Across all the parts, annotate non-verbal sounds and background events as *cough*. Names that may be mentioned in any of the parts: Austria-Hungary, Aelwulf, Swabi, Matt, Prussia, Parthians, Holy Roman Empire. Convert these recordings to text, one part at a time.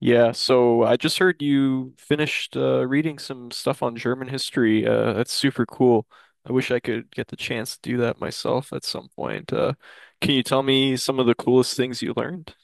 Yeah, so I just heard you finished reading some stuff on German history. That's super cool. I wish I could get the chance to do that myself at some point. Can you tell me some of the coolest things you learned?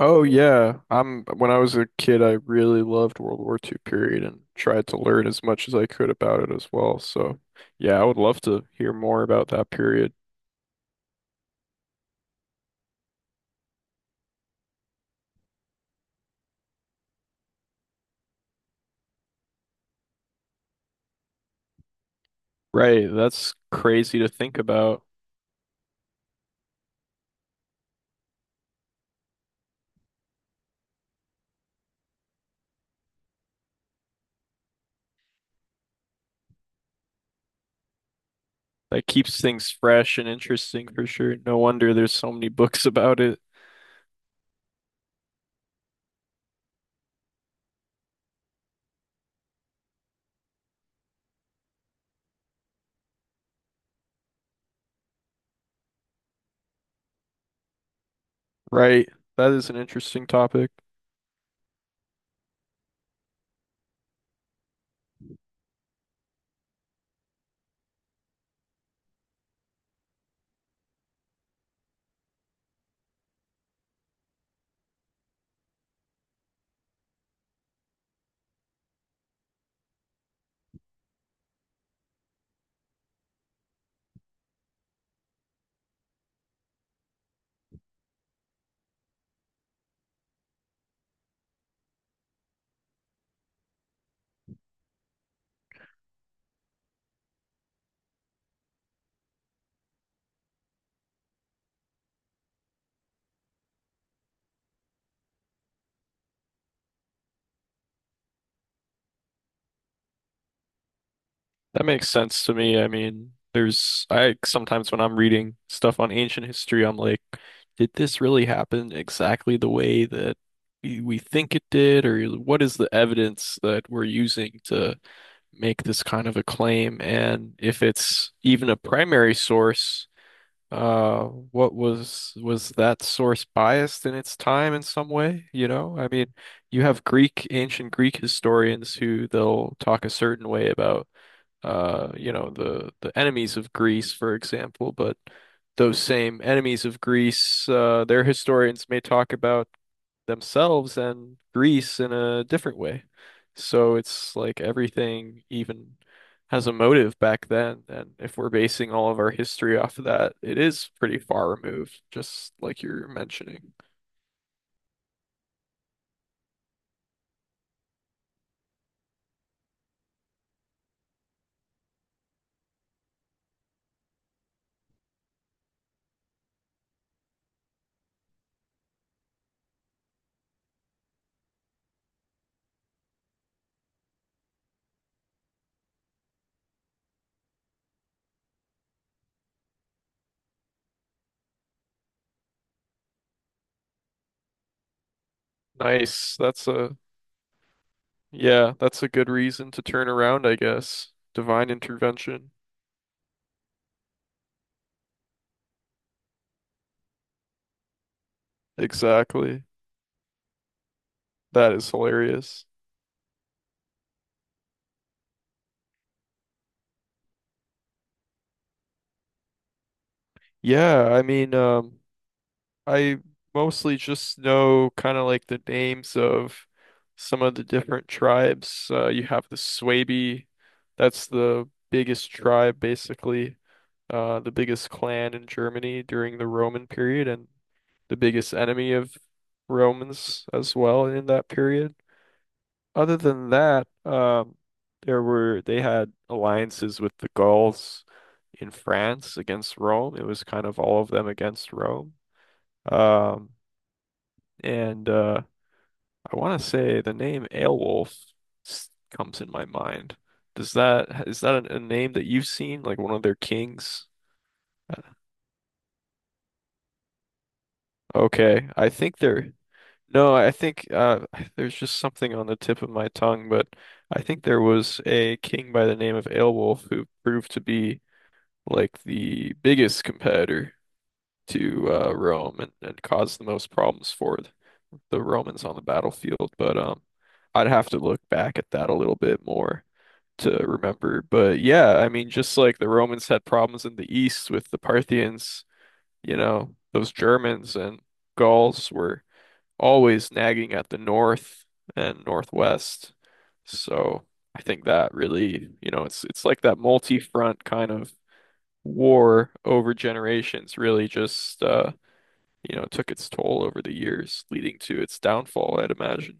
Oh yeah, I'm when I was a kid, I really loved World War II period and tried to learn as much as I could about it as well. So yeah, I would love to hear more about that period. Right, that's crazy to think about. That keeps things fresh and interesting for sure. No wonder there's so many books *laughs* about it. Right, that is an interesting topic. That makes sense to me. I mean, there's I sometimes when I'm reading stuff on ancient history, I'm like, did this really happen exactly the way that we think it did, or what is the evidence that we're using to make this kind of a claim? And if it's even a primary source, what was that source biased in its time in some way? You know, I mean, you have Greek, ancient Greek historians who they'll talk a certain way about you know, the enemies of Greece, for example, but those same enemies of Greece, their historians may talk about themselves and Greece in a different way. So it's like everything even has a motive back then. And if we're basing all of our history off of that, it is pretty far removed, just like you're mentioning. Nice. That's a Yeah, that's a good reason to turn around, I guess. Divine intervention. Exactly. That is hilarious. Yeah, I mean, I mostly just know kind of like the names of some of the different tribes. You have the Swabi, that's the biggest tribe, basically, the biggest clan in Germany during the Roman period, and the biggest enemy of Romans as well in that period. Other than that, there were they had alliances with the Gauls in France against Rome. It was kind of all of them against Rome. Um, and I want to say the name Aelwulf comes in my mind. Does that a name that you've seen, like one of their kings? Uh, Okay, I think there. No, I think *sighs* there's just something on the tip of my tongue, but I think there was a king by the name of Aelwulf who proved to be like the biggest competitor to Rome and caused the most problems for the Romans on the battlefield. But I'd have to look back at that a little bit more to remember. But yeah, I mean, just like the Romans had problems in the East with the Parthians, you know, those Germans and Gauls were always nagging at the North and Northwest. So I think that really, you know, it's like that multi-front kind of war over generations really just you know, took its toll over the years, leading to its downfall, I'd imagine.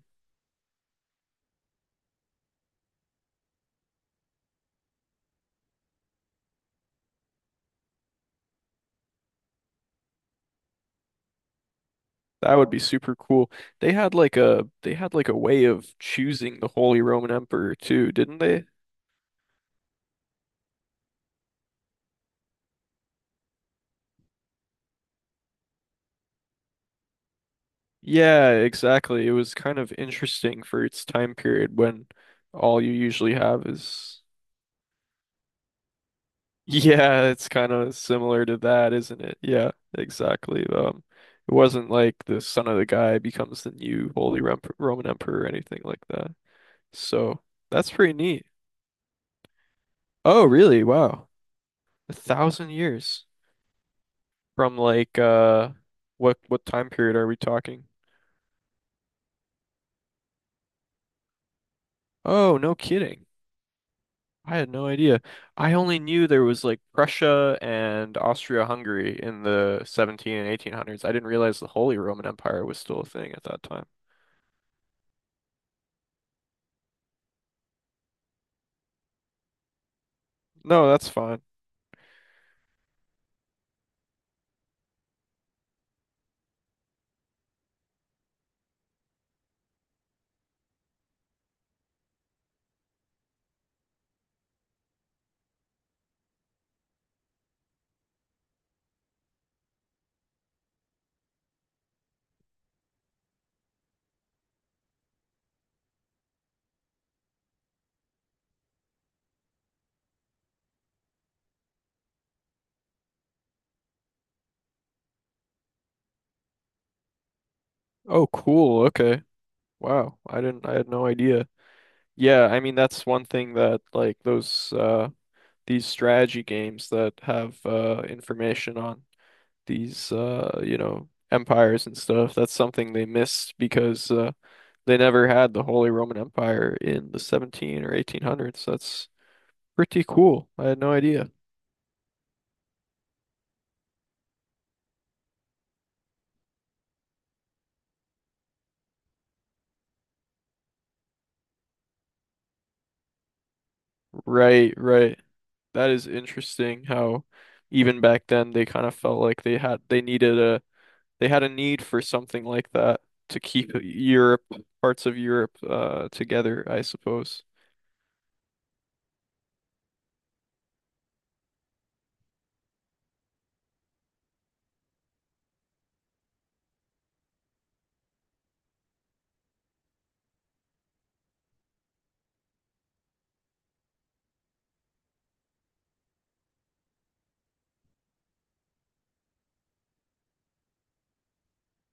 That would be super cool. They had like a way of choosing the Holy Roman Emperor too, didn't they? Yeah, exactly. It was kind of interesting for its time period when all you usually have is Yeah, it's kind of similar to that, isn't it? Yeah, exactly. It wasn't like the son of the guy becomes the new Holy Rom Roman Emperor or anything like that. So that's pretty neat. Oh, really? Wow. A thousand years from like what time period are we talking? Oh, no kidding. I had no idea. I only knew there was like Prussia and Austria-Hungary in the 17 and 1800s. I didn't realize the Holy Roman Empire was still a thing at that time. No, that's fine. Oh, cool. Okay. Wow. I had no idea. Yeah, I mean that's one thing that like those these strategy games that have information on these you know empires and stuff, that's something they missed because they never had the Holy Roman Empire in the 17 or 1800s. That's pretty cool. I had no idea. Right, right. That is interesting how even back then they kind of felt like they needed a they had a need for something like that to keep Europe, parts of Europe, together, I suppose.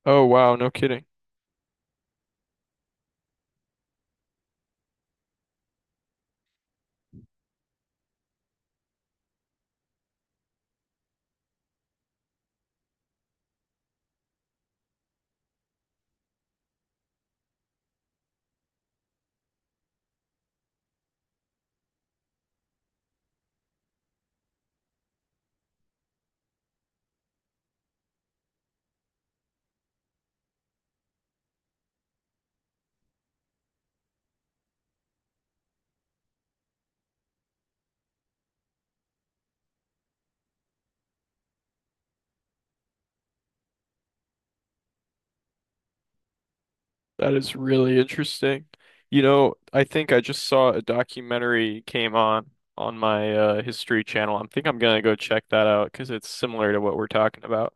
Oh, wow, no kidding. That is really interesting. You know, I think I just saw a documentary came on my History channel. I think I'm gonna go check that out because it's similar to what we're talking about.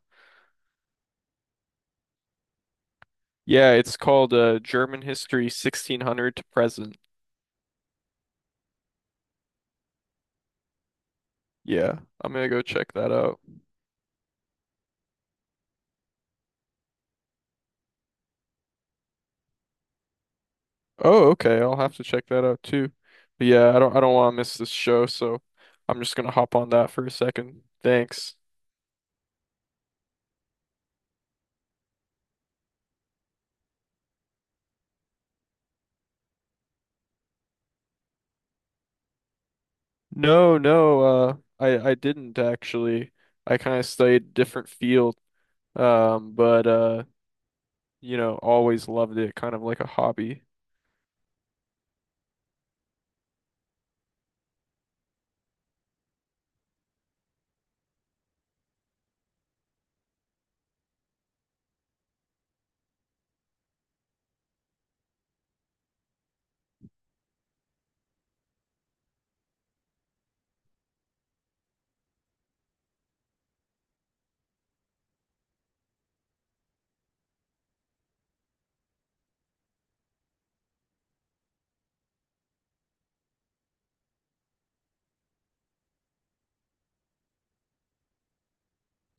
Yeah, it's called German History 1600 to Present. Yeah, I'm gonna go check that out. Oh, okay. I'll have to check that out too. But yeah, I don't want to miss this show, so I'm just gonna hop on that for a second. Thanks. No, no, I didn't actually. I kind of studied a different field, but you know, always loved it, kind of like a hobby.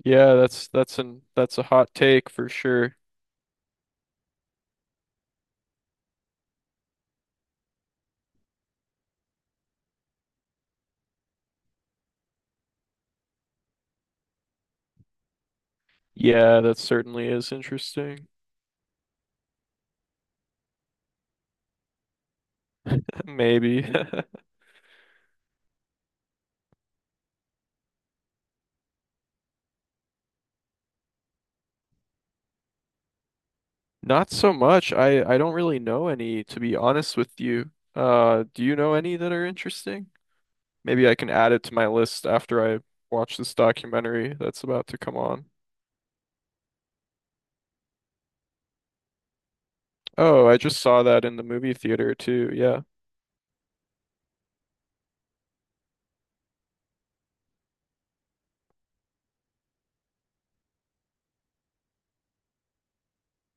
Yeah, that's an that's a hot take for sure. Yeah, that certainly is interesting. *laughs* Maybe. *laughs* Not so much. I don't really know any, to be honest with you. Do you know any that are interesting? Maybe I can add it to my list after I watch this documentary that's about to come on. Oh, I just saw that in the movie theater too. Yeah.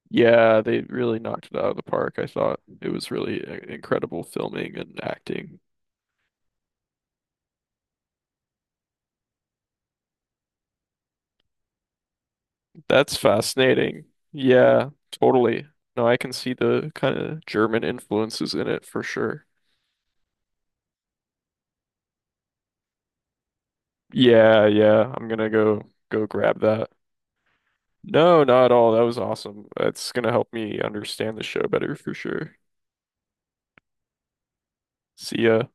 Yeah, they really knocked it out of the park. I thought it was really incredible filming and acting. That's fascinating. Yeah, totally. No, I can see the kind of German influences in it for sure. Yeah, yeah. I'm gonna go grab that. No, not at all. That was awesome. That's gonna help me understand the show better for sure. See ya.